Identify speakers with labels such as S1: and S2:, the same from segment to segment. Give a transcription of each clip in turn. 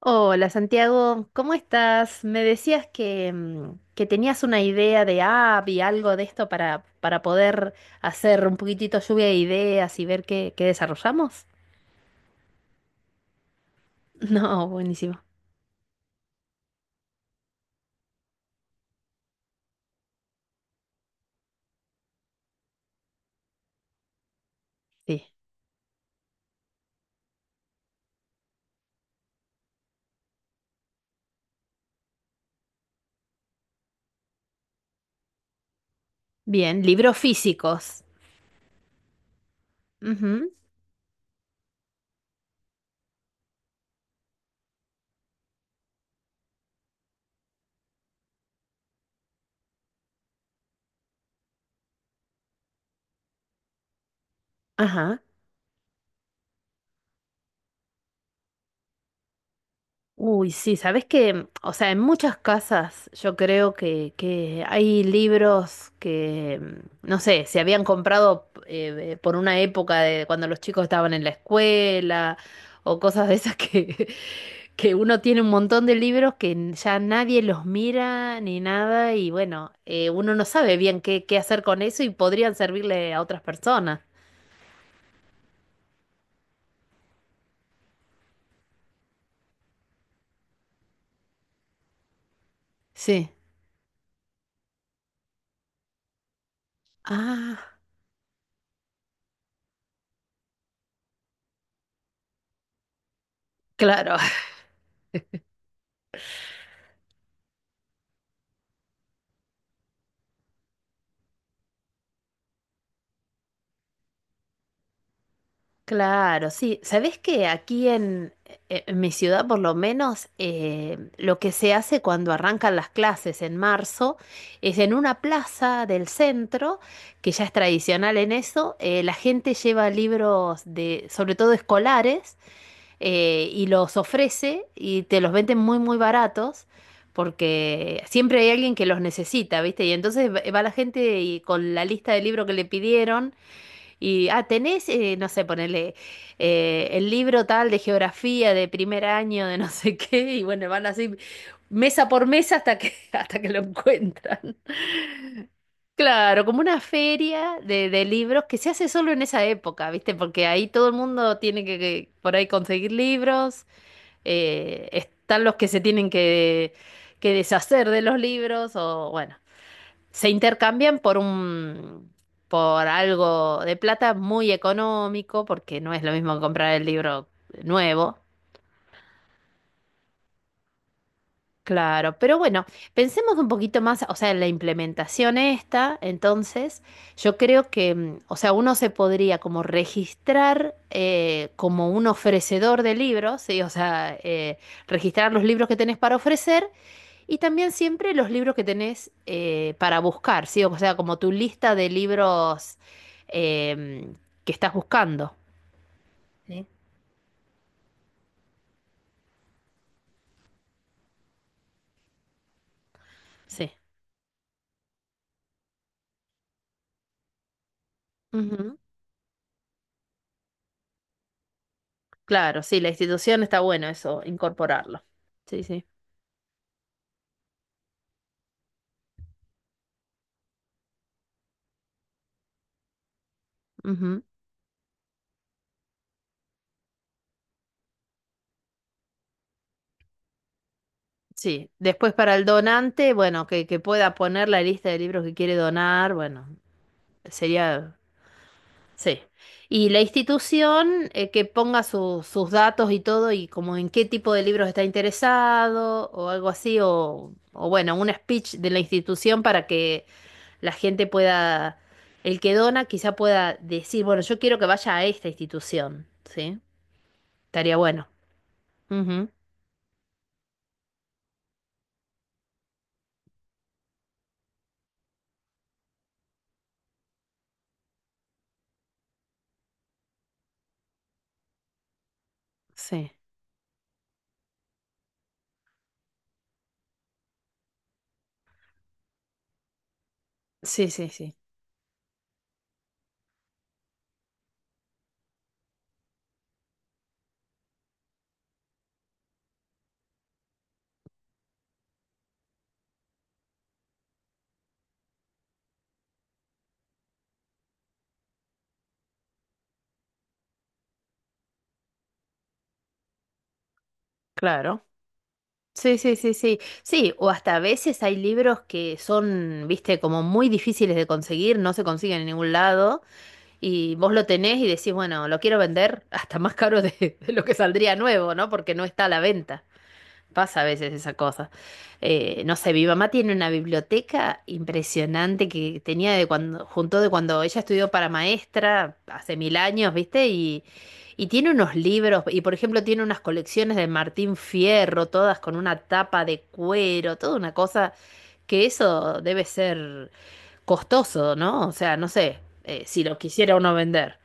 S1: Hola Santiago, ¿cómo estás? Me decías que tenías una idea de app y algo de esto para poder hacer un poquitito lluvia de ideas y ver qué desarrollamos. No, buenísimo. Sí. Bien, libros físicos. Ujú. Ajá. Uy, sí, sabes que, o sea, en muchas casas yo creo que hay libros que, no sé, se habían comprado por una época de cuando los chicos estaban en la escuela o cosas de esas que, que uno tiene un montón de libros que ya nadie los mira ni nada y bueno, uno no sabe bien qué hacer con eso y podrían servirle a otras personas. Sí. Ah, claro. Claro, sí. ¿Sabés que aquí en mi ciudad, por lo menos, lo que se hace cuando arrancan las clases en marzo es en una plaza del centro, que ya es tradicional en eso, la gente lleva libros de, sobre todo escolares, y los ofrece y te los venden muy, muy baratos. Porque siempre hay alguien que los necesita, ¿viste? Y entonces va la gente y con la lista de libros que le pidieron y, ah, tenés, no sé, ponerle el libro tal de geografía de primer año, de no sé qué, y bueno, van así mesa por mesa hasta que, hasta que lo encuentran. Claro, como una feria de libros que se hace solo en esa época, ¿viste? Porque ahí todo el mundo tiene que por ahí conseguir libros, están los que se tienen que deshacer de los libros, o bueno, se intercambian por algo de plata muy económico, porque no es lo mismo que comprar el libro nuevo. Claro, pero bueno, pensemos un poquito más, o sea, en la implementación esta, entonces, yo creo que, o sea, uno se podría como registrar como un ofrecedor de libros, ¿sí? O sea, registrar los libros que tenés para ofrecer. Y también siempre los libros que tenés para buscar, ¿sí? O sea, como tu lista de libros em, que estás buscando. ¿Sí? Sí. Ujú. Claro, sí, la institución está bueno eso, incorporarlo. Sí, sí. Ujú. Sí. Después para el donante, bueno, que pueda poner la lista de libros que quiere donar, bueno, sería. Sí. Y la institución que ponga sus datos y todo y como en qué tipo de libros está interesado o algo así o bueno, un speech de la institución para que la gente pueda, el que dona quizá pueda decir, bueno, yo quiero que vaya a esta institución, ¿sí? Estaría bueno. Ujú. Sí. Sí, sí, sí. Claro. Sí, sí, sí, sí. Sí, o hasta a veces hay libros que son, viste, como muy difíciles de conseguir, no se consiguen en ningún lado. Y vos lo tenés y decís, bueno, lo quiero vender hasta más caro de lo que saldría nuevo, ¿no? Porque no está a la venta. Pasa a veces esa cosa. No sé, mi mamá tiene una biblioteca impresionante que tenía de cuando, juntó de cuando ella estudió para maestra hace mil años, ¿viste? Y tiene unos libros, y por ejemplo tiene unas colecciones de Martín Fierro, todas con una tapa de cuero, toda una cosa que eso debe ser costoso, ¿no? O sea, no sé, si lo quisiera uno vender.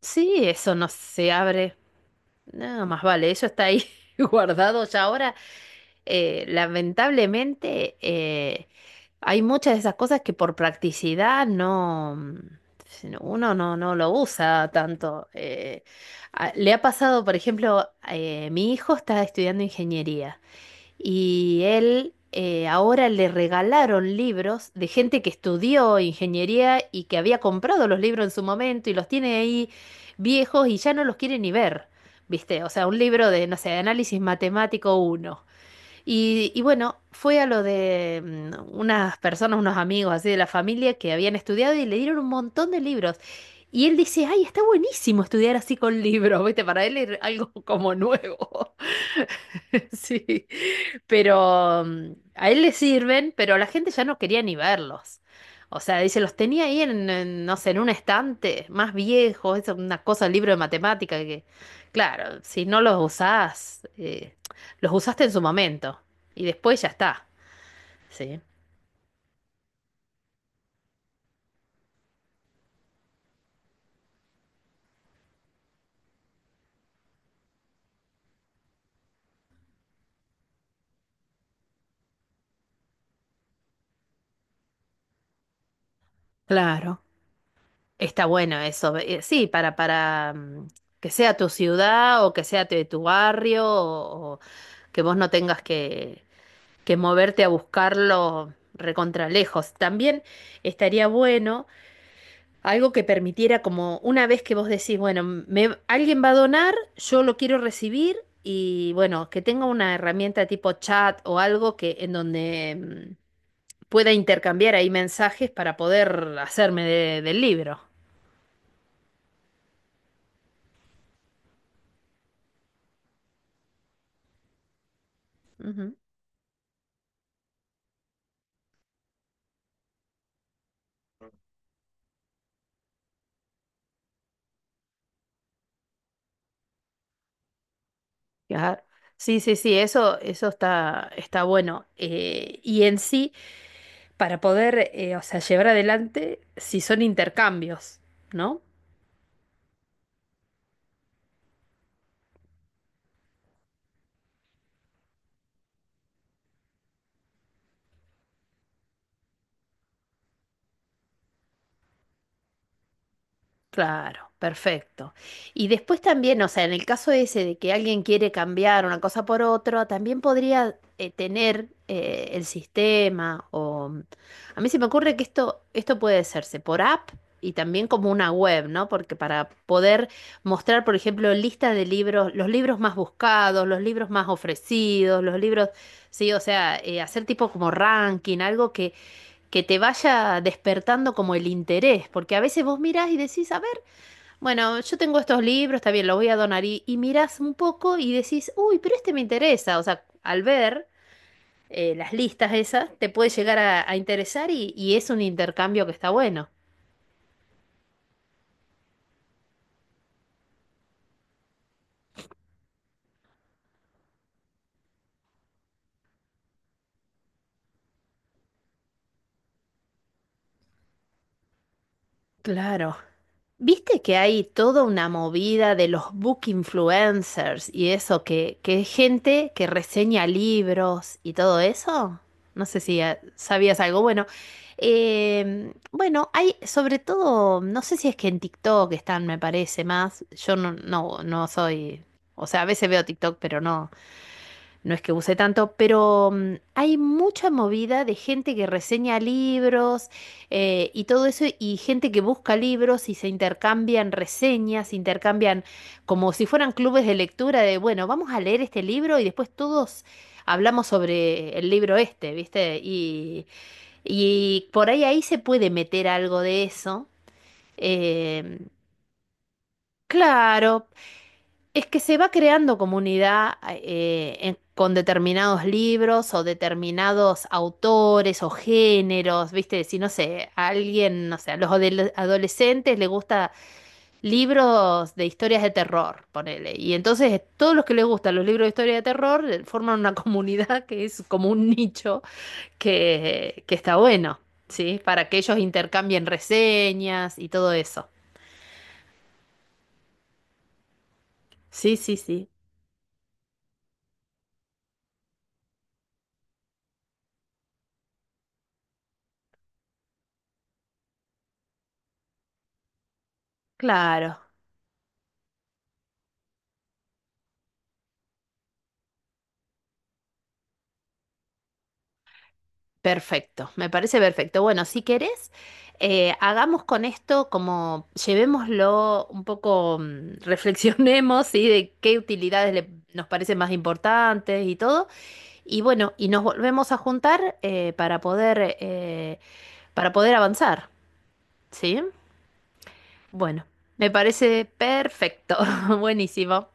S1: Sí, eso no se abre. Nada más vale, eso está ahí guardado ya ahora. Lamentablemente, hay muchas de esas cosas que por practicidad no, uno no lo usa tanto. Le ha pasado, por ejemplo, mi hijo está estudiando ingeniería y él ahora le regalaron libros de gente que estudió ingeniería y que había comprado los libros en su momento y los tiene ahí viejos y ya no los quiere ni ver, ¿viste? O sea, un libro de, no sé, análisis matemático uno y bueno, fue a lo de unas personas, unos amigos así de la familia que habían estudiado y le dieron un montón de libros. Y él dice, ay, está buenísimo estudiar así con libros, ¿viste? Para él es algo como nuevo. Sí, pero a él le sirven, pero la gente ya no quería ni verlos. O sea, dice, los tenía ahí en, no sé, en un estante más viejo, es una cosa, el libro de matemática que, claro, si no los usás, los usaste en su momento y después ya está, ¿sí? Claro. Está bueno eso. Sí, para que sea tu ciudad o que sea de tu barrio o que vos no tengas que moverte a buscarlo recontra lejos. También estaría bueno algo que permitiera como una vez que vos decís, bueno, alguien va a donar, yo lo quiero recibir y bueno, que tenga una herramienta tipo chat o algo que en donde... mm, pueda intercambiar ahí mensajes para poder hacerme del libro. Ujú. Claro. Sí, sí, sí, eso está bueno. Y en sí, para poder, o sea, llevar adelante, si son intercambios, ¿no? Claro, perfecto. Y después también, o sea, en el caso ese de que alguien quiere cambiar una cosa por otra, también podría tener el sistema a mí se me ocurre que esto puede hacerse por app y también como una web, ¿no? Porque para poder mostrar, por ejemplo, lista de libros, los libros más buscados, los libros más ofrecidos, los libros, sí, o sea, hacer tipo como ranking, algo que te vaya despertando como el interés, porque a veces vos mirás y decís, a ver, bueno, yo tengo estos libros, está bien, los voy a donar y mirás un poco y decís, uy, pero este me interesa. O sea, al ver las listas esas, te puede llegar a interesar y es un intercambio que está bueno. Claro. Viste que hay toda una movida de los book influencers y eso, que es gente que reseña libros y todo eso. No sé si sabías algo. Bueno, hay sobre todo, no sé si es que en TikTok están, me parece más. Yo no, no, no soy, o sea, a veces veo TikTok, pero no. No es que use tanto, pero hay mucha movida de gente que reseña libros y todo eso, y gente que busca libros y se intercambian reseñas, se intercambian como si fueran clubes de lectura de, bueno, vamos a leer este libro y después todos hablamos sobre el libro este, ¿viste? Y por ahí se puede meter algo de eso. Eh, claro, es que se va creando comunidad con determinados libros o determinados autores o géneros, ¿viste? Si no sé, a alguien, no sé, a los adolescentes les gusta libros de historias de terror, ponele. Y entonces todos los que les gustan los libros de historia de terror forman una comunidad que es como un nicho que está bueno, ¿sí? Para que ellos intercambien reseñas y todo eso. Sí, sí, sí. Claro. Perfecto, me parece perfecto. Bueno, si querés, hagamos con esto como llevémoslo un poco, reflexionemos, ¿sí? De qué utilidades nos parecen más importantes y todo. Y bueno, y nos volvemos a juntar para poder avanzar, ¿sí? Bueno, me parece perfecto, buenísimo.